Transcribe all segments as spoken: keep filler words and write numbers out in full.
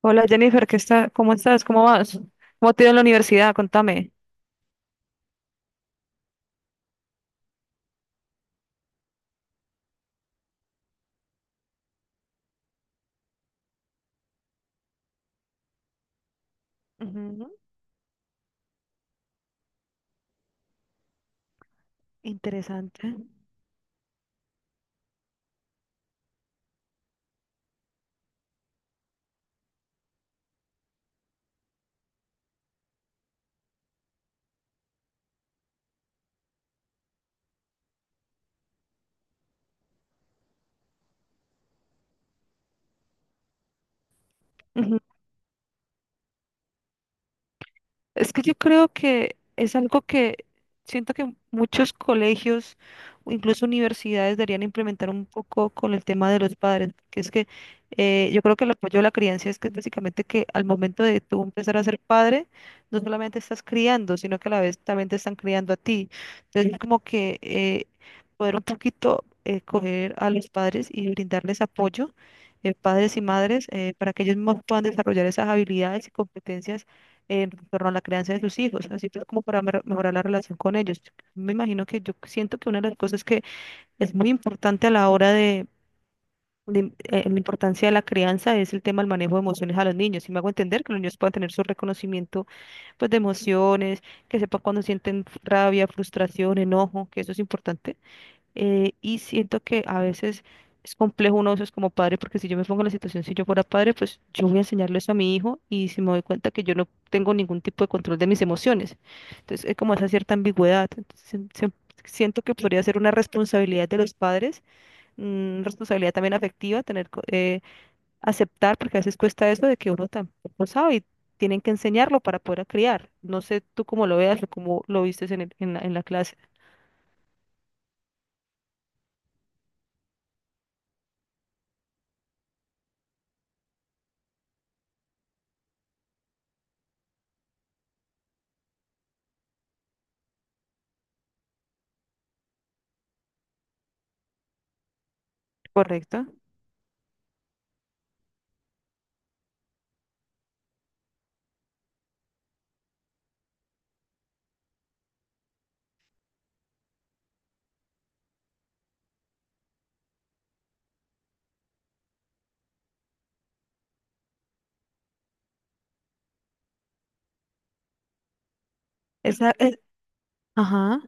Hola Jennifer, ¿qué está? ¿Cómo estás? ¿Cómo vas? ¿Cómo te ha ido en la universidad? Contame. Ujú. Interesante. Es que yo creo que es algo que siento que muchos colegios o incluso universidades deberían implementar un poco con el tema de los padres, que es que eh, yo creo que el apoyo a la crianza es que básicamente que al momento de tú empezar a ser padre, no solamente estás criando, sino que a la vez también te están criando a ti. Entonces, como que eh, poder un poquito eh, coger a los padres y brindarles apoyo, eh, padres y madres, eh, para que ellos mismos puedan desarrollar esas habilidades y competencias en torno a la crianza de sus hijos, así pues como para mer- mejorar la relación con ellos. Me imagino que yo siento que una de las cosas que es muy importante a la hora de, de, eh, la importancia de la crianza es el tema del manejo de emociones a los niños. Y me hago entender que los niños puedan tener su reconocimiento pues de emociones, que sepan cuando sienten rabia, frustración, enojo, que eso es importante, eh, y siento que a veces es complejo uno de esos como padre, porque si yo me pongo en la situación, si yo fuera padre, pues yo voy a enseñarle eso a mi hijo y si me doy cuenta que yo no tengo ningún tipo de control de mis emociones. Entonces, es como esa cierta ambigüedad. Entonces, se- se- siento que podría ser una responsabilidad de los padres, una responsabilidad también afectiva, tener co- eh, aceptar, porque a veces cuesta eso de que uno tampoco sabe y tienen que enseñarlo para poder criar. No sé tú cómo lo veas o cómo lo vistes en, el- en la, en la clase, ¿correcto? Esa, es- ajá.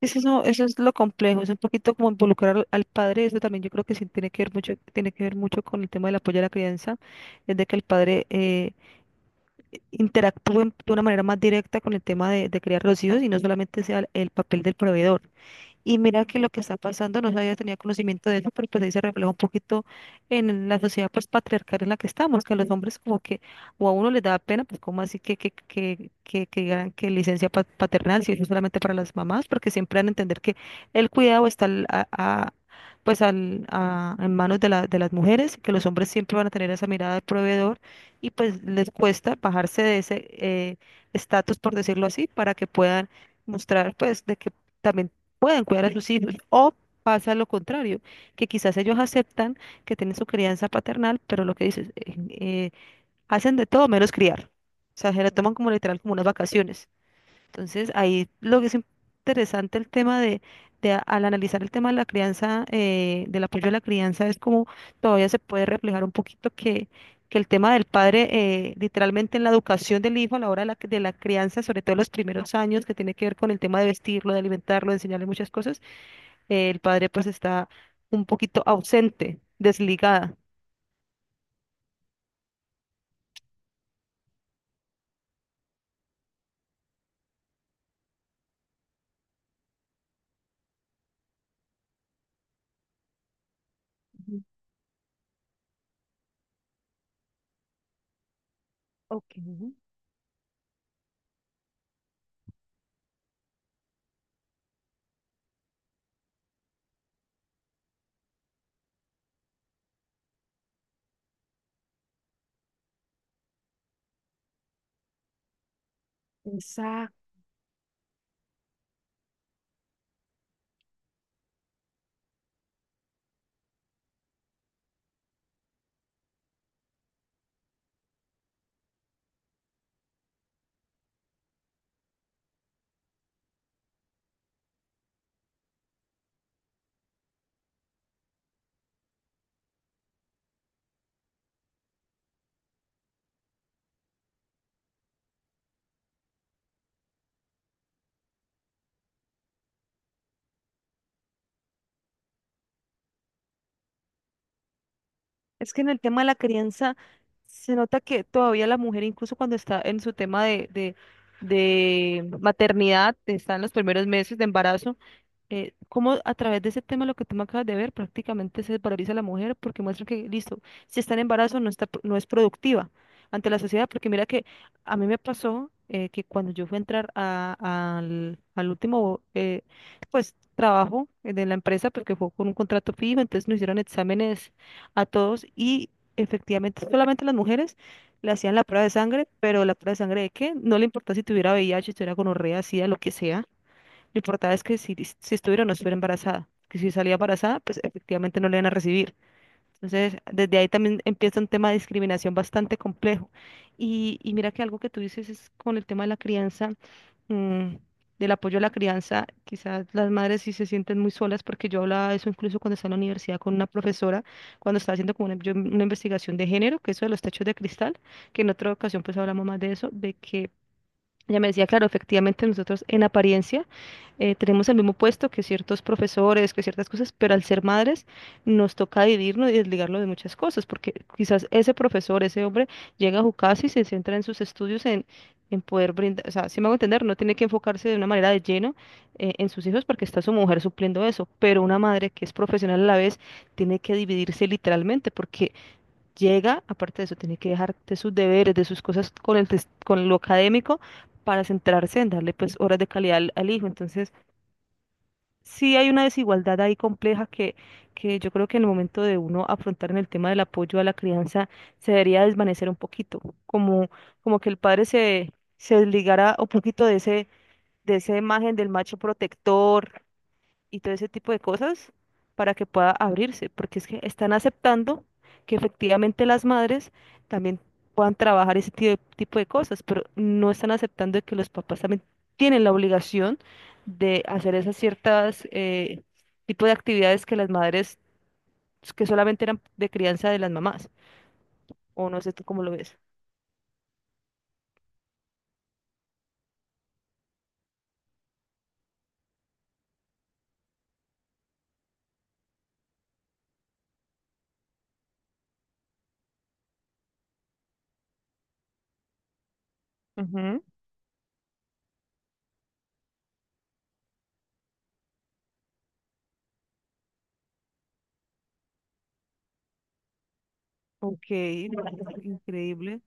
Es eso, eso es lo complejo, es un poquito como involucrar al, al padre, eso también yo creo que sí tiene que ver mucho, tiene que ver mucho con el tema del apoyo a la crianza, es de que el padre eh, interactúe de una manera más directa con el tema de, de criar los hijos y no solamente sea el papel del proveedor. Y mira que lo que está pasando, no sabía, tenía conocimiento de eso, pero pues ahí se refleja un poquito en la sociedad pues patriarcal en la que estamos, que a los hombres como que, o a uno les da pena, pues como así que, que, que, que, que digan que licencia pa- paternal, si eso es solamente para las mamás, porque siempre van a entender que el cuidado está al- a, a- pues al, a- en manos de, la, de las mujeres, que los hombres siempre van a tener esa mirada de proveedor y pues les cuesta bajarse de ese eh, estatus, por decirlo así, para que puedan mostrar pues de que también puedan cuidar a sus hijos. O pasa lo contrario, que quizás ellos aceptan que tienen su crianza paternal, pero lo que dices, eh, eh, hacen de todo menos criar. O sea, se la toman como literal, como unas vacaciones. Entonces, ahí lo que es interesante el tema de, de a- al analizar el tema de la crianza, eh, del apoyo a la crianza, es como todavía se puede reflejar un poquito que, que el tema del padre, eh, literalmente en la educación del hijo a la hora de la, de la crianza, sobre todo en los primeros años, que tiene que ver con el tema de vestirlo, de alimentarlo, de enseñarle muchas cosas, eh, el padre pues está un poquito ausente, desligada. Ujú. Ok. Es que en el tema de la crianza se nota que todavía la mujer, incluso cuando está en su tema de, de, de maternidad, está en los primeros meses de embarazo, eh, cómo a través de ese tema, lo que tú me acabas de ver, prácticamente se desvaloriza a la mujer porque muestra que, listo, si está en embarazo no está, pro- no es productiva ante la sociedad, porque mira que a mí me pasó, eh, que cuando yo fui a entrar a- al, al último, eh, pues, trabajo de la empresa, porque fue con un contrato fijo, entonces nos hicieron exámenes a todos y efectivamente solamente las mujeres le hacían la prueba de sangre, pero la prueba de sangre de qué, no le importaba si tuviera V I H, si tuviera gonorrea, SIDA, lo que sea, lo importante es que si, si estuviera o no estuviera embarazada, que si salía embarazada, pues efectivamente no le iban a recibir. Entonces, desde ahí también empieza un tema de discriminación bastante complejo. Y, y mira que algo que tú dices es con el tema de la crianza, mm, del apoyo a la crianza, quizás las madres sí se sienten muy solas, porque yo hablaba de eso incluso cuando estaba en la universidad con una profesora, cuando estaba haciendo como una, yo una investigación de género, que eso de los techos de cristal, que en otra ocasión pues hablamos más de eso, de que ella me decía, claro, efectivamente nosotros en apariencia eh, tenemos el mismo puesto que ciertos profesores, que ciertas cosas, pero al ser madres nos toca dividirnos y desligarlo de muchas cosas, porque quizás ese profesor, ese hombre, llega a su casa y se centra en sus estudios, en, en poder brindar, o sea, si me hago entender, no tiene que enfocarse de una manera de lleno, eh, en sus hijos porque está su mujer supliendo eso, pero una madre que es profesional a la vez tiene que dividirse literalmente, porque llega, aparte de eso, tiene que dejar de sus deberes, de sus cosas con el tes- con lo académico para centrarse en darle pues horas de calidad al, al hijo. Entonces, sí hay una desigualdad ahí compleja que, que yo creo que en el momento de uno afrontar en el tema del apoyo a la crianza se debería desvanecer un poquito, como, como que el padre se, se desligara un poquito de ese, de esa imagen del macho protector y todo ese tipo de cosas para que pueda abrirse, porque es que están aceptando que efectivamente las madres también puedan trabajar ese ti- tipo de cosas, pero no están aceptando que los papás también tienen la obligación de hacer esas ciertas eh, tipo de actividades que las madres, que solamente eran de crianza de las mamás, o no sé tú cómo lo ves. Ujú. Ok, increíble.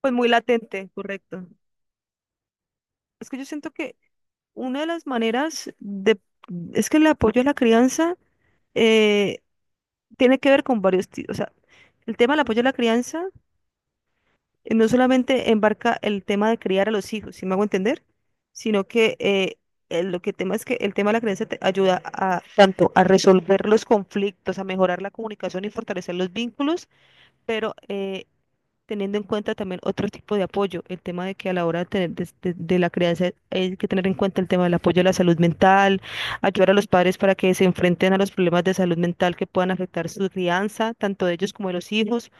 Pues muy latente, correcto. Es que yo siento que una de las maneras de, es que el apoyo a la crianza eh, tiene que ver con varios tipos. O sea, el tema del apoyo a la crianza eh, no solamente embarca el tema de criar a los hijos, si me hago entender, sino que eh, el- lo que tema es que el tema de la crianza te ayuda a tanto a resolver los conflictos, a mejorar la comunicación y fortalecer los vínculos, pero eh, teniendo en cuenta también otro tipo de apoyo, el tema de que a la hora de, tener, des- de, de la crianza hay que tener en cuenta el tema del apoyo a la salud mental, ayudar a los padres para que se enfrenten a los problemas de salud mental que puedan afectar su crianza, tanto de ellos como de los hijos.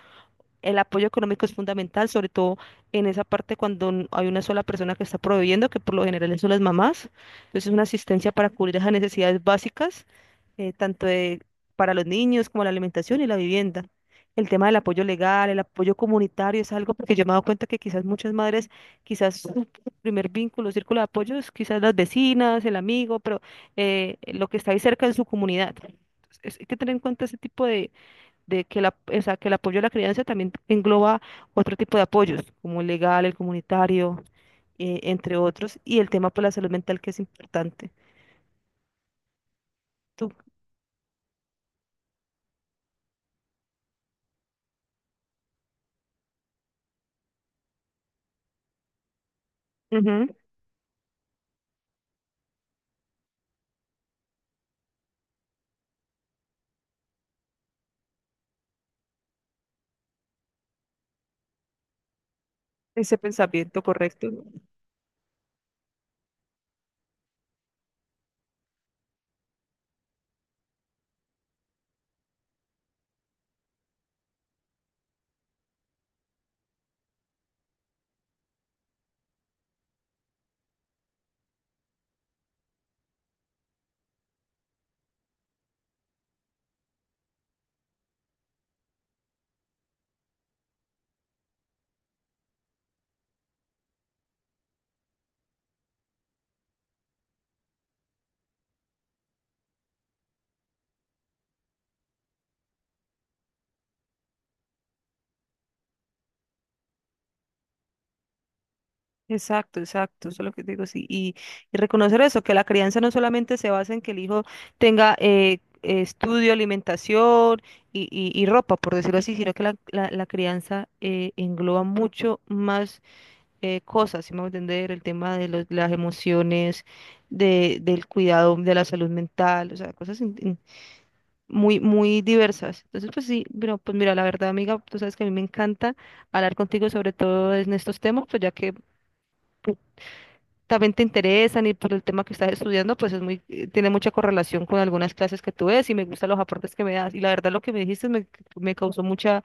El apoyo económico es fundamental, sobre todo en esa parte cuando n- hay una sola persona que está proveyendo, que por lo general son las mamás. Entonces, una asistencia para cubrir esas necesidades básicas, eh, tanto de- para los niños como la alimentación y la vivienda. El tema del apoyo legal, el apoyo comunitario es algo porque yo me he dado cuenta que quizás muchas madres, quizás su primer vínculo, círculo de apoyo es quizás las vecinas, el amigo, pero eh, lo que está ahí cerca en su comunidad. Entonces, hay que tener en cuenta ese tipo de de que, la, o sea, que el apoyo a la crianza también engloba otro tipo de apoyos, como el legal, el comunitario, eh, entre otros, y el tema por la salud mental que es importante. Tú, ujú, ese pensamiento correcto. Exacto, exacto, eso es lo que digo, sí. Y, y reconocer eso, que la crianza no solamente se basa en que el hijo tenga eh, eh, estudio, alimentación y, y- y ropa, por decirlo así, sino que la, la- la crianza eh, engloba mucho más eh, cosas, si me voy a entender, el tema de los- las emociones, de, del cuidado de la salud mental, o sea, cosas in- in- muy, muy diversas. Entonces, pues sí, pero pues mira, la verdad, amiga, tú sabes que a mí me encanta hablar contigo sobre todo en estos temas, pues ya que también te interesan y por el tema que estás estudiando, pues es muy, eh, tiene mucha correlación con algunas clases que tú ves y me gustan los aportes que me das. Y la verdad, lo que me dijiste me, me causó mucha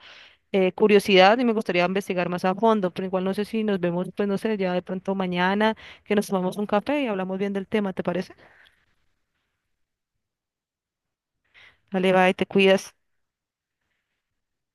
eh, curiosidad y me gustaría investigar más a fondo, pero igual no sé si nos vemos, pues no sé, ya de pronto mañana, que nos tomamos un café y hablamos bien del tema, ¿te parece? Dale, bye, te cuidas.